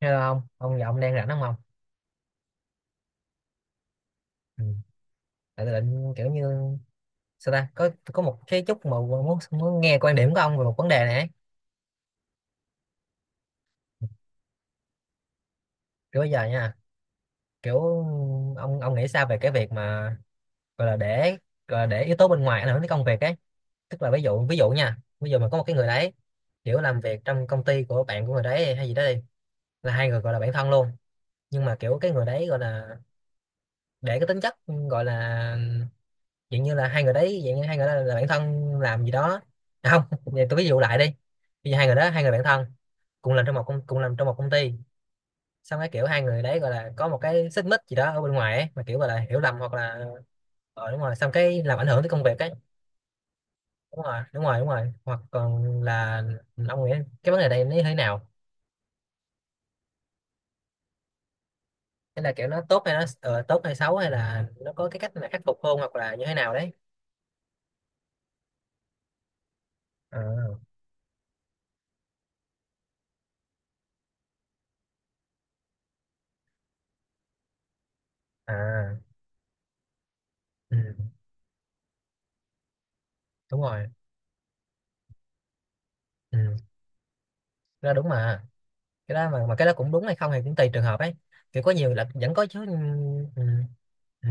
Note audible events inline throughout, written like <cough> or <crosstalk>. Hello, ông giọng đang rảnh đúng không? Ông, ừ. Tại tôi định kiểu như, sao ta, có một cái chút mà muốn muốn nghe quan điểm của ông về một vấn đề này ấy. Kiểu bây giờ nha, kiểu ông nghĩ sao về cái việc mà gọi là để, gọi là để yếu tố bên ngoài ảnh hưởng đến công việc ấy, tức là ví dụ, nha, ví dụ mà có một cái người đấy kiểu làm việc trong công ty của bạn của người đấy hay gì đó đi, là hai người gọi là bạn thân luôn, nhưng mà kiểu cái người đấy gọi là để cái tính chất, gọi là dạng như là hai người đấy, dạng như hai người đó là bạn thân làm gì đó. À, không. <laughs> Vậy tôi ví dụ lại đi, bây giờ hai người đó, hai người bạn thân, cùng làm trong một công ty, xong cái kiểu hai người đấy gọi là có một cái xích mích gì đó ở bên ngoài ấy, mà kiểu gọi là hiểu lầm hoặc là, đúng rồi, xong cái làm ảnh hưởng tới công việc ấy. Đúng rồi, đúng rồi, đúng rồi, hoặc còn là, ông nghĩ cái vấn đề này nó như thế nào? Hay là kiểu nó tốt, hay nó tốt hay xấu, hay là nó có cái cách mà khắc phục hơn hoặc là như thế nào đấy. À, à. Ừ, đúng rồi. Ừ, ra đúng mà. Cái đó, mà cái đó cũng đúng hay không thì cũng tùy trường hợp ấy, kiểu có nhiều là vẫn có chứ. Ừ, ừ. Ừ.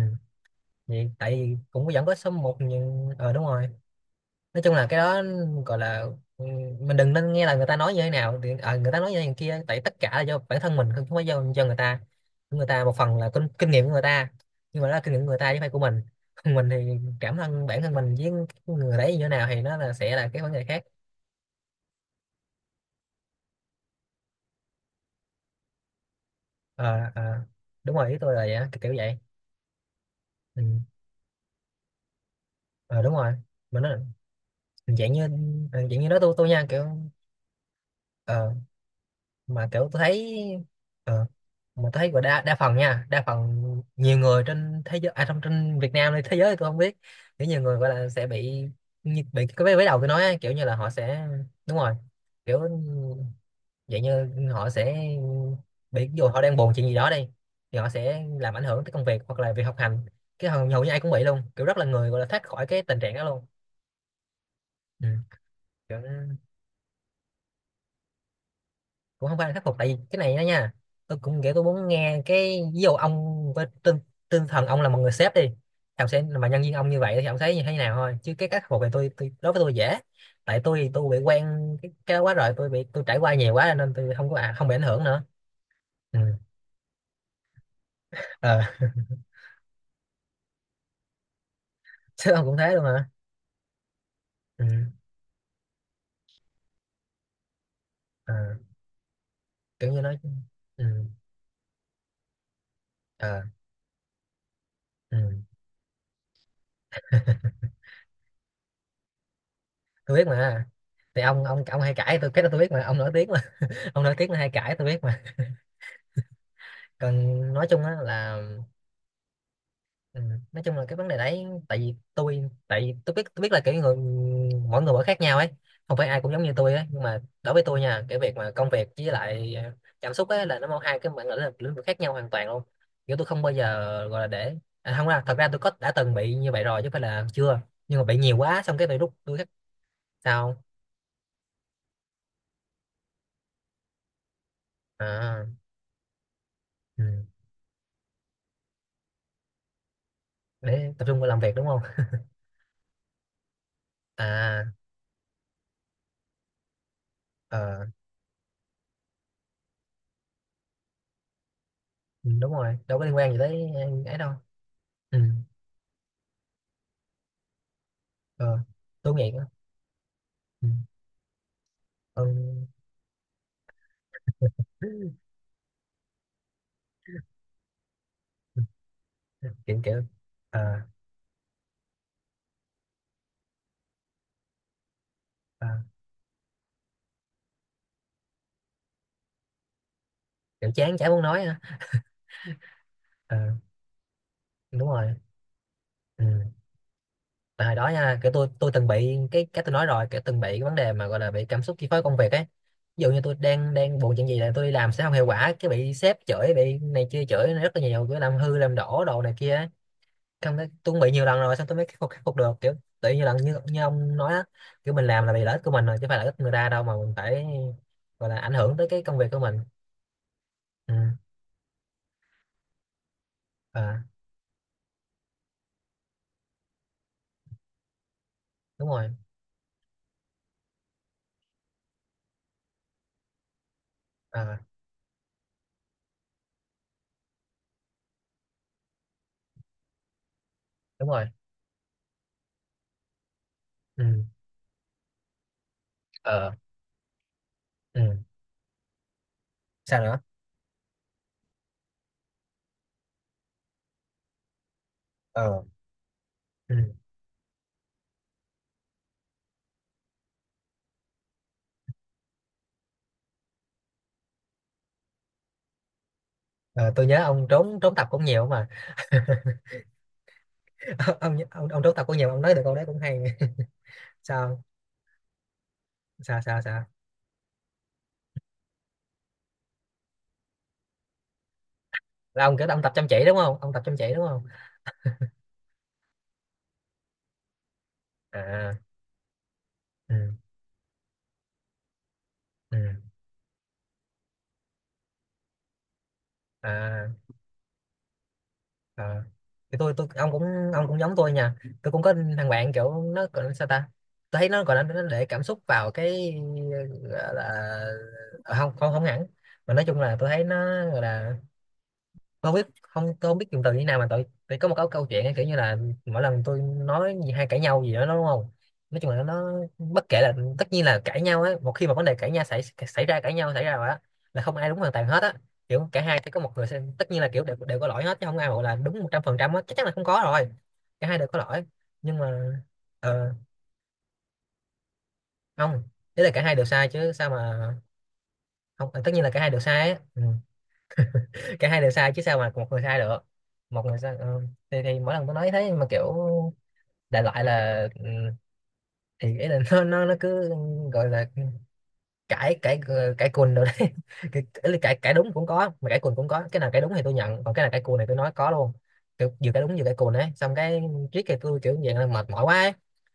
Vậy, tại vì cũng vẫn có số một, nhưng đúng rồi. Nói chung là cái đó gọi là, ừ, mình đừng nên nghe là người ta nói như thế nào thì, người ta nói như thế này kia, tại tất cả là do bản thân mình, không phải do người ta. Người ta một phần là kinh nghiệm của người ta, nhưng mà đó là kinh nghiệm của người ta chứ không phải của mình. <laughs> Mình thì cảm thân, bản thân mình với người đấy như thế nào thì nó là sẽ là cái vấn đề khác. Ờ, ờ, đúng rồi, ý tôi là vậy á, kiểu kiểu vậy. Ừ. ờ Đúng rồi, mà nó dạng như, dạng như đó, tôi nha, kiểu, ờ, mà kiểu tôi thấy, ờ, mà tôi thấy của đa đa phần nha, đa phần nhiều người trên thế giới, à, trong trên Việt Nam hay thế giới thì tôi không biết, kiểu nhiều người gọi là sẽ bị bị cái vế vế đầu tôi nói á, kiểu như là họ sẽ, đúng rồi, kiểu dạng như họ sẽ bị, ví dụ họ đang buồn chuyện gì đó đi, thì họ sẽ làm ảnh hưởng tới công việc hoặc là việc học hành, cái hầu như ai cũng bị luôn, kiểu rất là người gọi là thoát khỏi cái tình trạng đó luôn. Ừ. Kiểu cũng không phải là khắc phục, tại vì cái này đó nha, tôi cũng nghĩ tôi muốn nghe cái ví dụ, ông với tinh thần ông là một người sếp đi, thì ông sẽ, mà nhân viên ông như vậy thì ông thấy như thế nào thôi, chứ cái khắc phục này tôi đối với tôi dễ, tại tôi bị quen cái đó quá rồi, tôi bị tôi trải qua nhiều quá nên tôi không có, à, không bị ảnh hưởng nữa. Ừ. ờ <laughs> Sếp ông cũng thế luôn hả? Ừ. ờ Kiểu như nói. Ừ. Ờ, ừ. Tôi biết mà, thì ông hay cãi, tôi cái đó tôi biết mà, ông nổi tiếng mà. <laughs> Ông nổi tiếng là hay cãi, tôi biết mà. Còn nói chung á là, Ừ. Nói chung là cái vấn đề đấy, tại vì tôi biết là kiểu người, mỗi người mỗi khác nhau ấy, không phải ai cũng giống như tôi ấy, nhưng mà đối với tôi nha, cái việc mà công việc với lại cảm xúc ấy là nó hai cái bản lĩnh lĩnh vực khác nhau hoàn toàn luôn, kiểu tôi không bao giờ gọi là để, à, không, ra thật ra tôi có đã từng bị như vậy rồi chứ không phải là chưa, nhưng mà bị nhiều quá, xong cái bị rút, tôi sao à. Ừ. Để tập trung vào làm việc đúng không? À. ờ ừ, đúng rồi, đâu có liên quan gì tới. Ừ, ấy đâu. Ừ. ờ tôi nghĩ. Ừ. Ừ. kiểu kiểu, à, à, kiểu chán chả muốn nói á. À, đúng rồi. Ừ. Tại hồi đó nha, kiểu tôi từng bị cái tôi nói rồi, kiểu từng bị cái vấn đề mà gọi là bị cảm xúc chi phối công việc ấy, ví dụ như tôi đang đang buồn chuyện gì là tôi đi làm sẽ không hiệu quả, cái bị sếp chửi, bị này kia chửi rất là nhiều, kiểu làm hư làm đổ đồ này kia ấy. Xong cái tôi cũng bị nhiều lần rồi, xong tôi mới khắc phục được, kiểu tự nhiên lần như ông nói á, kiểu mình làm là vì lợi ích của mình rồi chứ phải lợi ích người ta đâu mà mình phải gọi là ảnh hưởng tới cái công việc của mình. Ừ. À, đúng rồi. À, đúng rồi. Ừ. Ờ. Ừ, sao nữa? Ờ. Ừ. Ờ, tôi nhớ ông trốn trốn tập cũng nhiều mà. <laughs> Ông trốn tập cũng nhiều, ông nói được câu đấy cũng hay. <laughs> Sao, sao, sao, sao? Là ông kiểu ông tập chăm chỉ đúng không? Ông tập chăm chỉ đúng không? À. Ừ. Ừ. À, à. Thì tôi, ông cũng giống tôi nha, tôi cũng có thằng bạn kiểu nó gọi là sao ta, tôi thấy nó gọi là nó để cảm xúc vào cái gọi là, à, không, không không hẳn, mà nói chung là tôi thấy nó gọi là, tôi không biết, không, tôi không biết dùng từ như nào, mà tôi phải có một câu câu chuyện ấy, kiểu như là mỗi lần tôi nói gì hay cãi nhau gì đó nó đúng không, nói chung là nó bất kể là, tất nhiên là cãi nhau ấy, một khi mà vấn đề cãi nhau xảy xảy ra, cãi nhau xảy ra rồi á, là không ai đúng hoàn toàn hết á, kiểu cả hai phải có một người tất nhiên là kiểu đều có lỗi hết, chứ không ai gọi là đúng 100% á, chắc chắn là không có rồi, cả hai đều có lỗi, nhưng mà ờ, không, thế là cả hai đều sai chứ sao mà. Không, tất nhiên là cả hai đều sai ấy. Ừ. Cả hai đều sai chứ sao mà một người sai được? Một người sai. Ừ. thì mỗi lần tôi nói thế mà kiểu đại loại là, thì ý là nó cứ gọi là cãi, cãi cùn rồi đấy. <laughs> Ý là cãi cãi đúng cũng có mà cãi cùn cũng có, cái nào cãi đúng thì tôi nhận, còn cái nào cãi cùn này tôi nói có luôn, kiểu vừa cãi đúng vừa cãi cùn ấy, xong cái triết thì tôi kiểu dạng là mệt mỏi quá ấy.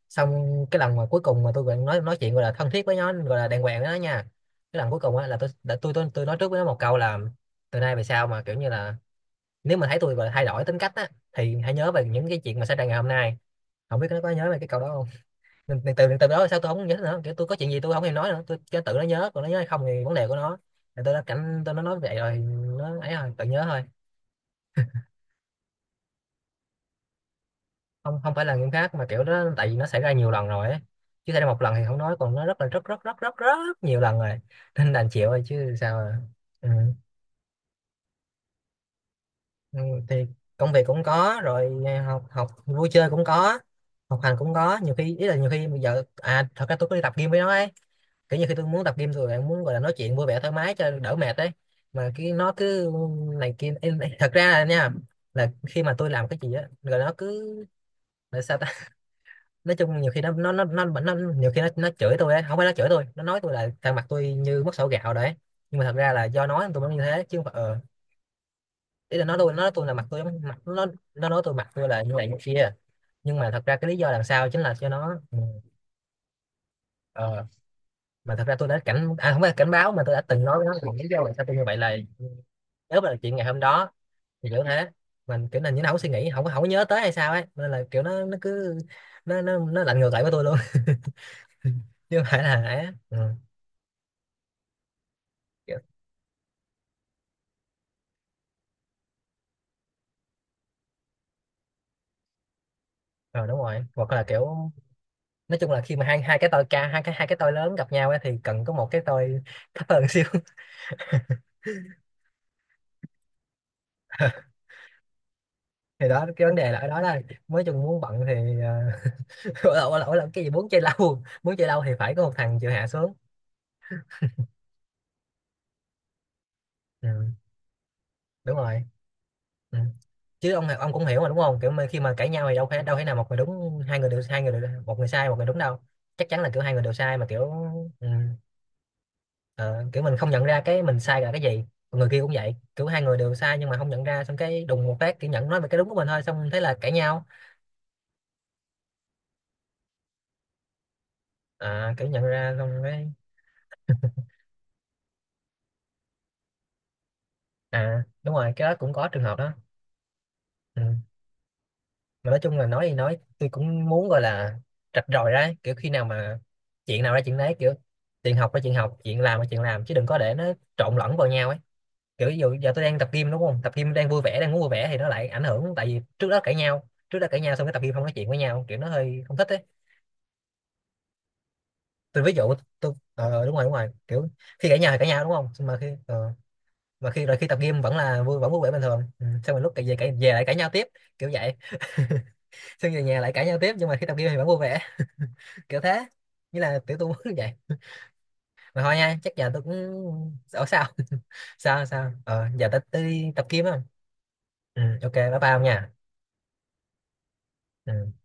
Xong cái lần mà cuối cùng mà tôi gọi nói chuyện gọi là thân thiết với nó, gọi là đàng hoàng với nó nha, cái lần cuối cùng á là tôi nói trước với nó một câu là, từ nay về sau mà kiểu như là nếu mà thấy tôi và thay đổi tính cách á, thì hãy nhớ về những cái chuyện mà xảy ra ngày hôm nay. Không biết nó có nhớ về cái câu đó không, nên từ từ đó sao tôi không nhớ nữa, kiểu tôi có chuyện gì tôi không thèm nói nữa, tôi cho tự nó nhớ, còn nó nhớ hay không thì vấn đề của nó. Thì tôi đã cảnh tôi nó nói vậy rồi, nó ấy rồi tự nhớ thôi. Không, không phải là nghiêm khắc mà kiểu đó, tại vì nó xảy ra nhiều lần rồi ấy, chứ xảy ra một lần thì không nói, còn nó rất là rất rất rất rất rất nhiều lần rồi, nên đành chịu thôi chứ sao. À. Ừ. Ừ, thì công việc cũng có rồi à, học học vui chơi cũng có, học hành cũng có. Nhiều khi ý là nhiều khi bây giờ thật ra tôi có đi tập gym với nó ấy, kiểu như khi tôi muốn tập gym rồi bạn muốn gọi là nói chuyện vui vẻ thoải mái cho đỡ mệt đấy, mà cái nó cứ này kia. Ê, thật ra là nha, là khi mà tôi làm cái gì á rồi nó cứ là sao ta. <laughs> Nói chung nhiều khi nó nhiều khi nó chửi tôi ấy, không phải nó chửi tôi, nó nói tôi là thằng mặt tôi như mất sổ gạo đấy. Nhưng mà thật ra là do nói tôi mới như thế chứ không phải- ờ ý là nó nói tôi là mặt tôi mặt nó. Nó nói tôi mặt tôi là như này như kia, nhưng mà thật ra cái lý do làm sao chính là cho nó. Ừ, ờ, mà thật ra tôi đã cảnh à không phải là cảnh báo, mà tôi đã từng nói với nó là lý do làm sao tôi như vậy là nếu mà là chuyện ngày hôm đó thì kiểu thế. Mình kiểu là như nó không có suy nghĩ, không có nhớ tới hay sao ấy, nên là kiểu nó cứ nó lạnh ngược lại với tôi luôn. <laughs> Chứ không phải là ấy á. Ừ. Kiểu, ờ, đúng rồi, hoặc là kiểu nói chung là khi mà hai hai cái tôi hai cái tôi lớn gặp nhau ấy, thì cần có một cái tôi thấp hơn <laughs> xíu. Thì đó, cái vấn đề là ở đó, là mới chung muốn bận thì <laughs> lỗi lỗi lỗi là <laughs> cái gì muốn chơi lâu, muốn chơi lâu thì phải có một thằng chịu hạ xuống. Ừ, đúng rồi. Ừ. Chứ ông cũng hiểu mà đúng không, kiểu mà khi mà cãi nhau thì đâu thể nào một người đúng, một người sai một người đúng đâu. Chắc chắn là kiểu hai người đều sai mà kiểu. Ừ, ờ, kiểu mình không nhận ra cái mình sai là cái gì, còn người kia cũng vậy, kiểu hai người đều sai nhưng mà không nhận ra, xong cái đùng một phát kiểu nhận nói về cái đúng của mình thôi, xong thế là cãi nhau. À, kiểu nhận ra xong cái à đúng rồi, cái đó cũng có trường hợp đó. Ừ. Mà nói chung là nói thì nói, tôi cũng muốn gọi là rạch ròi ra kiểu khi nào mà chuyện nào ra chuyện đấy, kiểu chuyện học ra chuyện học, chuyện làm ra chuyện làm, chứ đừng có để nó trộn lẫn vào nhau ấy. Kiểu ví dụ giờ tôi đang tập gym đúng không, tập gym đang vui vẻ, đang muốn vui vẻ, thì nó lại ảnh hưởng tại vì trước đó cãi nhau, trước đó cãi nhau xong cái tập gym không nói chuyện với nhau kiểu nó hơi không thích ấy. Tôi ví dụ tôi ờ, đúng rồi đúng rồi, kiểu khi cãi nhau thì cãi nhau đúng không, xong mà khi mà khi tập gym vẫn là vui, vẫn vui vẻ bình thường. Ừ. Xong rồi lúc cãi về lại cãi nhau tiếp, kiểu vậy. Xong về nhà lại cãi nhau tiếp, nhưng mà khi tập gym thì vẫn vui vẻ. <laughs> Kiểu thế, như là tiểu tu <laughs> muốn vậy. Mà thôi nha, chắc giờ tôi cũng ở sao. <laughs> Sao sao ờ giờ tới đi tập gym không. Ừ, ok bye bye ông nha. Ừ.